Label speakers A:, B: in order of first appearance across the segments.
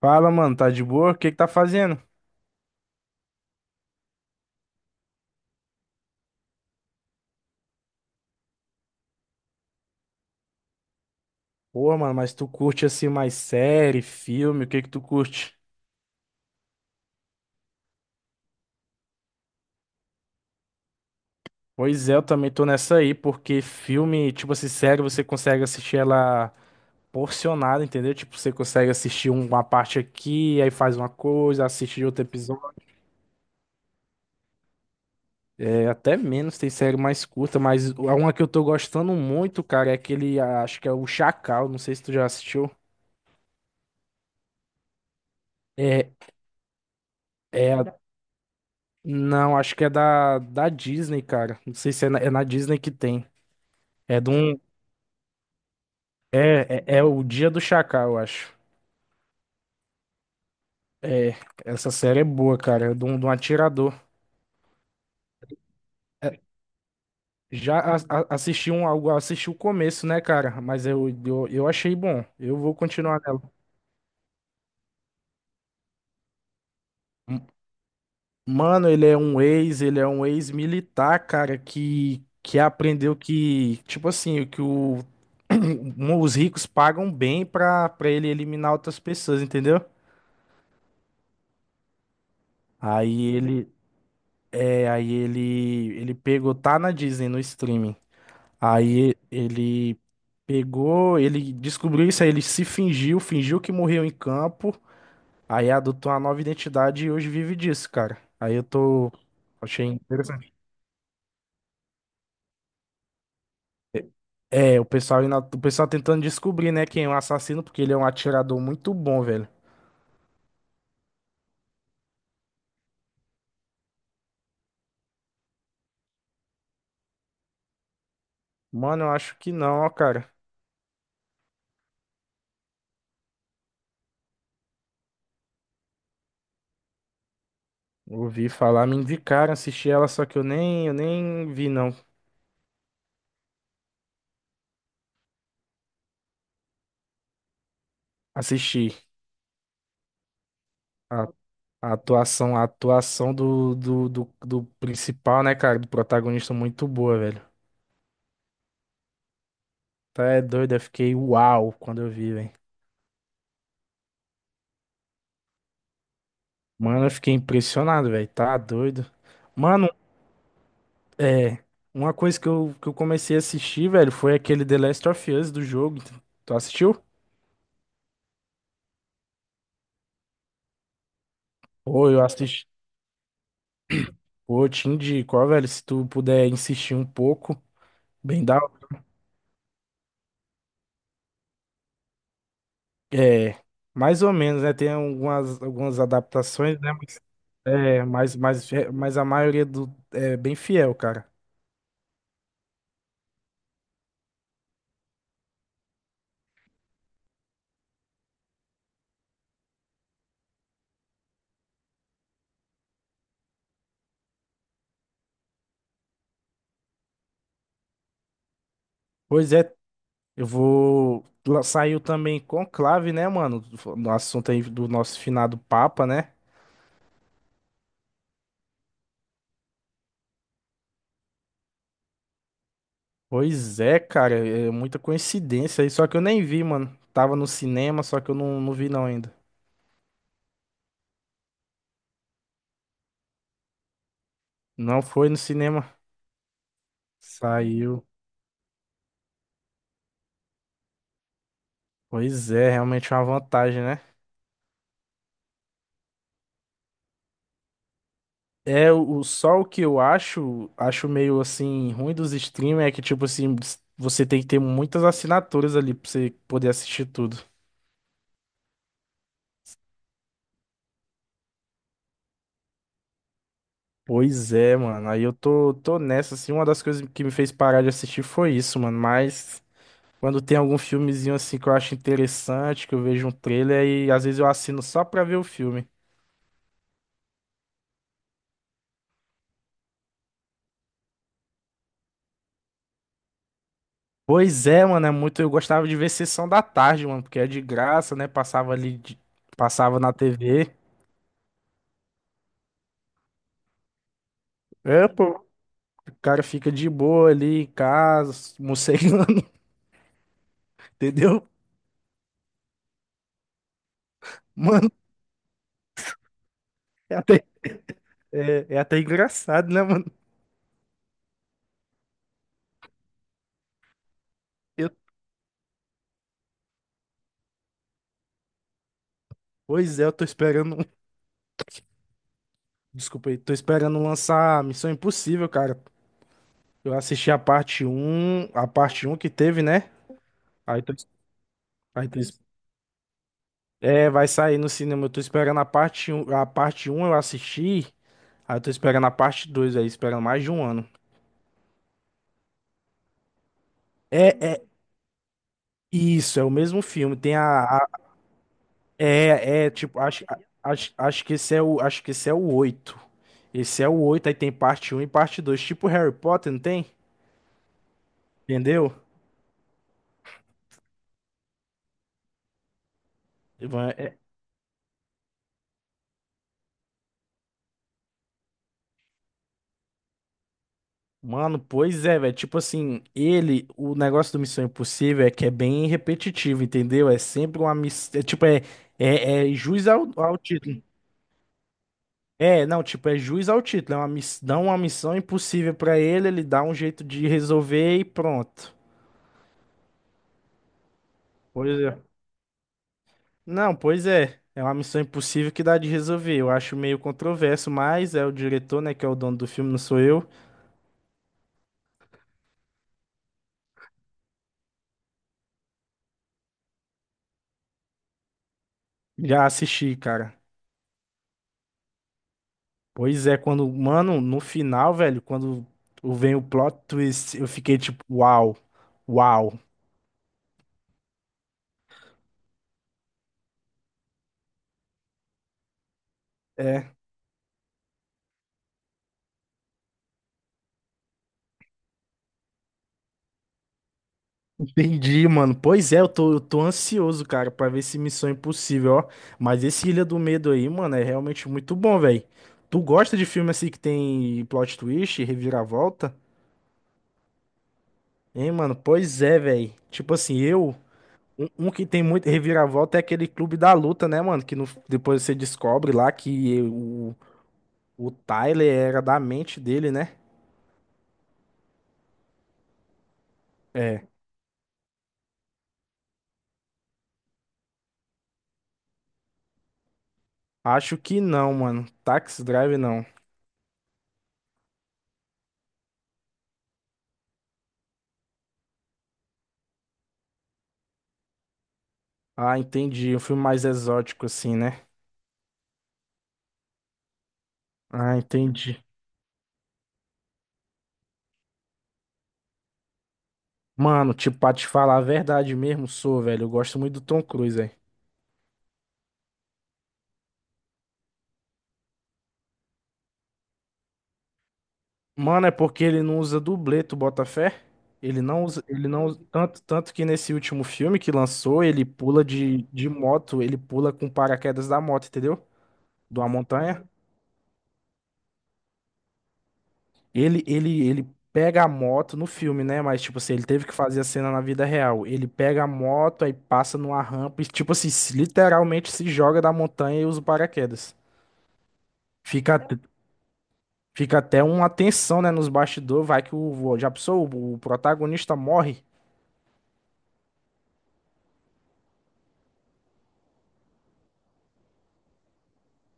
A: Fala, mano, tá de boa? O que que tá fazendo? Pô, mano, mas tu curte assim mais série, filme, o que que tu curte? Pois é, eu também tô nessa aí, porque filme, tipo assim, série você consegue assistir ela porcionada, entendeu? Tipo, você consegue assistir uma parte aqui, aí faz uma coisa, assiste outro episódio. É, até menos, tem série mais curta, mas a uma que eu tô gostando muito, cara, é aquele, acho que é o Chacal, não sei se tu já assistiu. É, é, não, acho que é da Disney, cara. Não sei se é na Disney que tem. É de um. É o Dia do Chacal, eu acho. É, essa série é boa, cara. É de um atirador. É, já assisti o começo, né, cara? Mas eu achei bom. Eu vou continuar nela. M- Mano, ele é um ex-militar, cara, que aprendeu que, tipo assim, que o, os ricos pagam bem pra ele eliminar outras pessoas, entendeu? Aí ele, é, aí ele pegou, tá na Disney, no streaming. Aí ele pegou, ele descobriu isso aí, ele se fingiu que morreu em campo, aí adotou uma nova identidade e hoje vive disso, cara. Aí eu tô. Achei interessante. O pessoal tentando descobrir, né, quem é o assassino, porque ele é um atirador muito bom, velho. Mano, eu acho que não, ó, cara. Ouvi falar, me indicaram, assisti ela, só que eu nem vi, não. Assisti. A atuação do principal, né, cara? Do protagonista muito boa, velho. Tá é doido, eu fiquei uau quando eu vi, velho. Mano, eu fiquei impressionado, velho. Tá doido. Mano, é. Uma coisa que eu comecei a assistir, velho, foi aquele The Last of Us do jogo. Tu assistiu? Pô, eu assisti. Pô, eu te indico, ó, velho, se tu puder insistir um pouco, bem da É, mais ou menos, né? Tem algumas adaptações, né? Mas a maioria do, é bem fiel, cara. Pois é, eu vou. Saiu também Conclave, né, mano? No assunto aí do nosso finado Papa, né? Pois é, cara, é muita coincidência aí. Só que eu nem vi, mano. Tava no cinema, só que eu não vi não ainda. Não foi no cinema. Saiu. Pois é, realmente é uma vantagem, né? É, só o que eu acho meio assim, ruim dos streamers é que, tipo assim, você tem que ter muitas assinaturas ali pra você poder assistir tudo. Pois é, mano. Aí eu tô nessa, assim, uma das coisas que me fez parar de assistir foi isso, mano. Mas quando tem algum filmezinho assim que eu acho interessante, que eu vejo um trailer e às vezes eu assino só pra ver o filme. Pois é, mano, é muito. Eu gostava de ver Sessão da Tarde, mano, porque é de graça, né? Passava ali, passava na TV. É, pô. O cara fica de boa ali em casa, morcegando, entendeu? Mano, é até, é até engraçado, né, mano? Eu, pois é, eu tô esperando. Desculpa aí, tô esperando lançar Missão Impossível, cara. Eu assisti a parte um que teve, né? Aí tô, aí tô, é, vai sair no cinema. Eu tô esperando a parte 1, a parte um eu assisti. Aí eu tô esperando a parte 2 aí, esperando mais de um ano. É, é, isso, é o mesmo filme. Tipo, acho que esse é o oito. Esse é o oito, aí tem parte um e parte dois, tipo Harry Potter, não tem? Entendeu? Ivan, mano, pois é, velho. Tipo assim, o negócio do Missão Impossível é que é bem repetitivo, entendeu? É sempre uma missão. É, tipo, é juiz ao título. É, não, tipo, é juiz ao título. É uma dá uma missão impossível pra ele, ele dá um jeito de resolver e pronto. Pois é. Não, pois é. É uma missão impossível que dá de resolver. Eu acho meio controverso, mas é o diretor, né, que é o dono do filme, não sou eu. Já assisti, cara. Pois é, quando, mano, no final, velho, quando vem o plot twist, eu fiquei tipo, uau, uau. É, entendi, mano. Pois é, eu tô ansioso, cara, pra ver esse Missão Impossível, ó. Mas esse Ilha do Medo aí, mano, é realmente muito bom, velho. Tu gosta de filme assim que tem plot twist, reviravolta? Hein, mano? Pois é, velho. Tipo assim, eu. Um que tem muito reviravolta é aquele Clube da Luta, né, mano? Que depois você descobre lá que o Tyler era da mente dele, né? É. Acho que não, mano. Taxi Drive não. Ah, entendi. Um filme mais exótico, assim, né? Ah, entendi. Mano, tipo, pra te falar a verdade mesmo, sou, velho. Eu gosto muito do Tom Cruise, velho. Mano, é porque ele não usa dublê, tu bota fé? Ele não usa tanto, tanto que nesse último filme que lançou, ele pula de moto, ele pula com paraquedas da moto, entendeu? De uma montanha. Ele pega a moto no filme, né? Mas, tipo assim, ele teve que fazer a cena na vida real. Ele pega a moto, aí passa numa rampa e, tipo assim, literalmente se joga da montanha e usa o paraquedas. Fica, at- Fica até uma tensão, né, nos bastidores, vai que o, já pensou, o protagonista morre.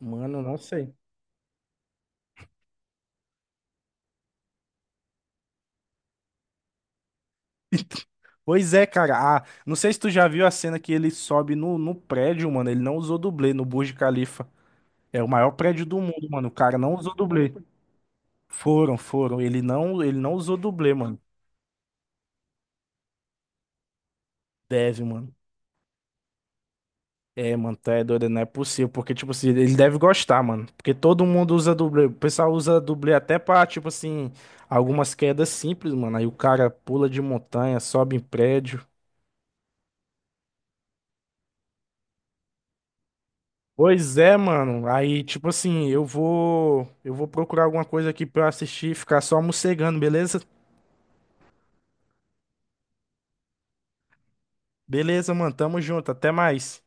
A: Mano, não sei. Pois é, cara. Ah, não sei se tu já viu a cena que ele sobe no prédio, mano. Ele não usou dublê no Burj Khalifa. É o maior prédio do mundo, mano. O cara não usou dublê. Foram, foram. Ele não usou dublê, mano. Deve, mano. É, mano, tá é doido, não é possível. Porque, tipo assim, ele deve gostar, mano. Porque todo mundo usa dublê. O pessoal usa dublê até pra, tipo assim, algumas quedas simples, mano. Aí o cara pula de montanha, sobe em prédio. Pois é, mano. Aí, tipo assim, eu vou procurar alguma coisa aqui pra eu assistir, e ficar só mocegando, beleza? Beleza, mano. Tamo junto. Até mais.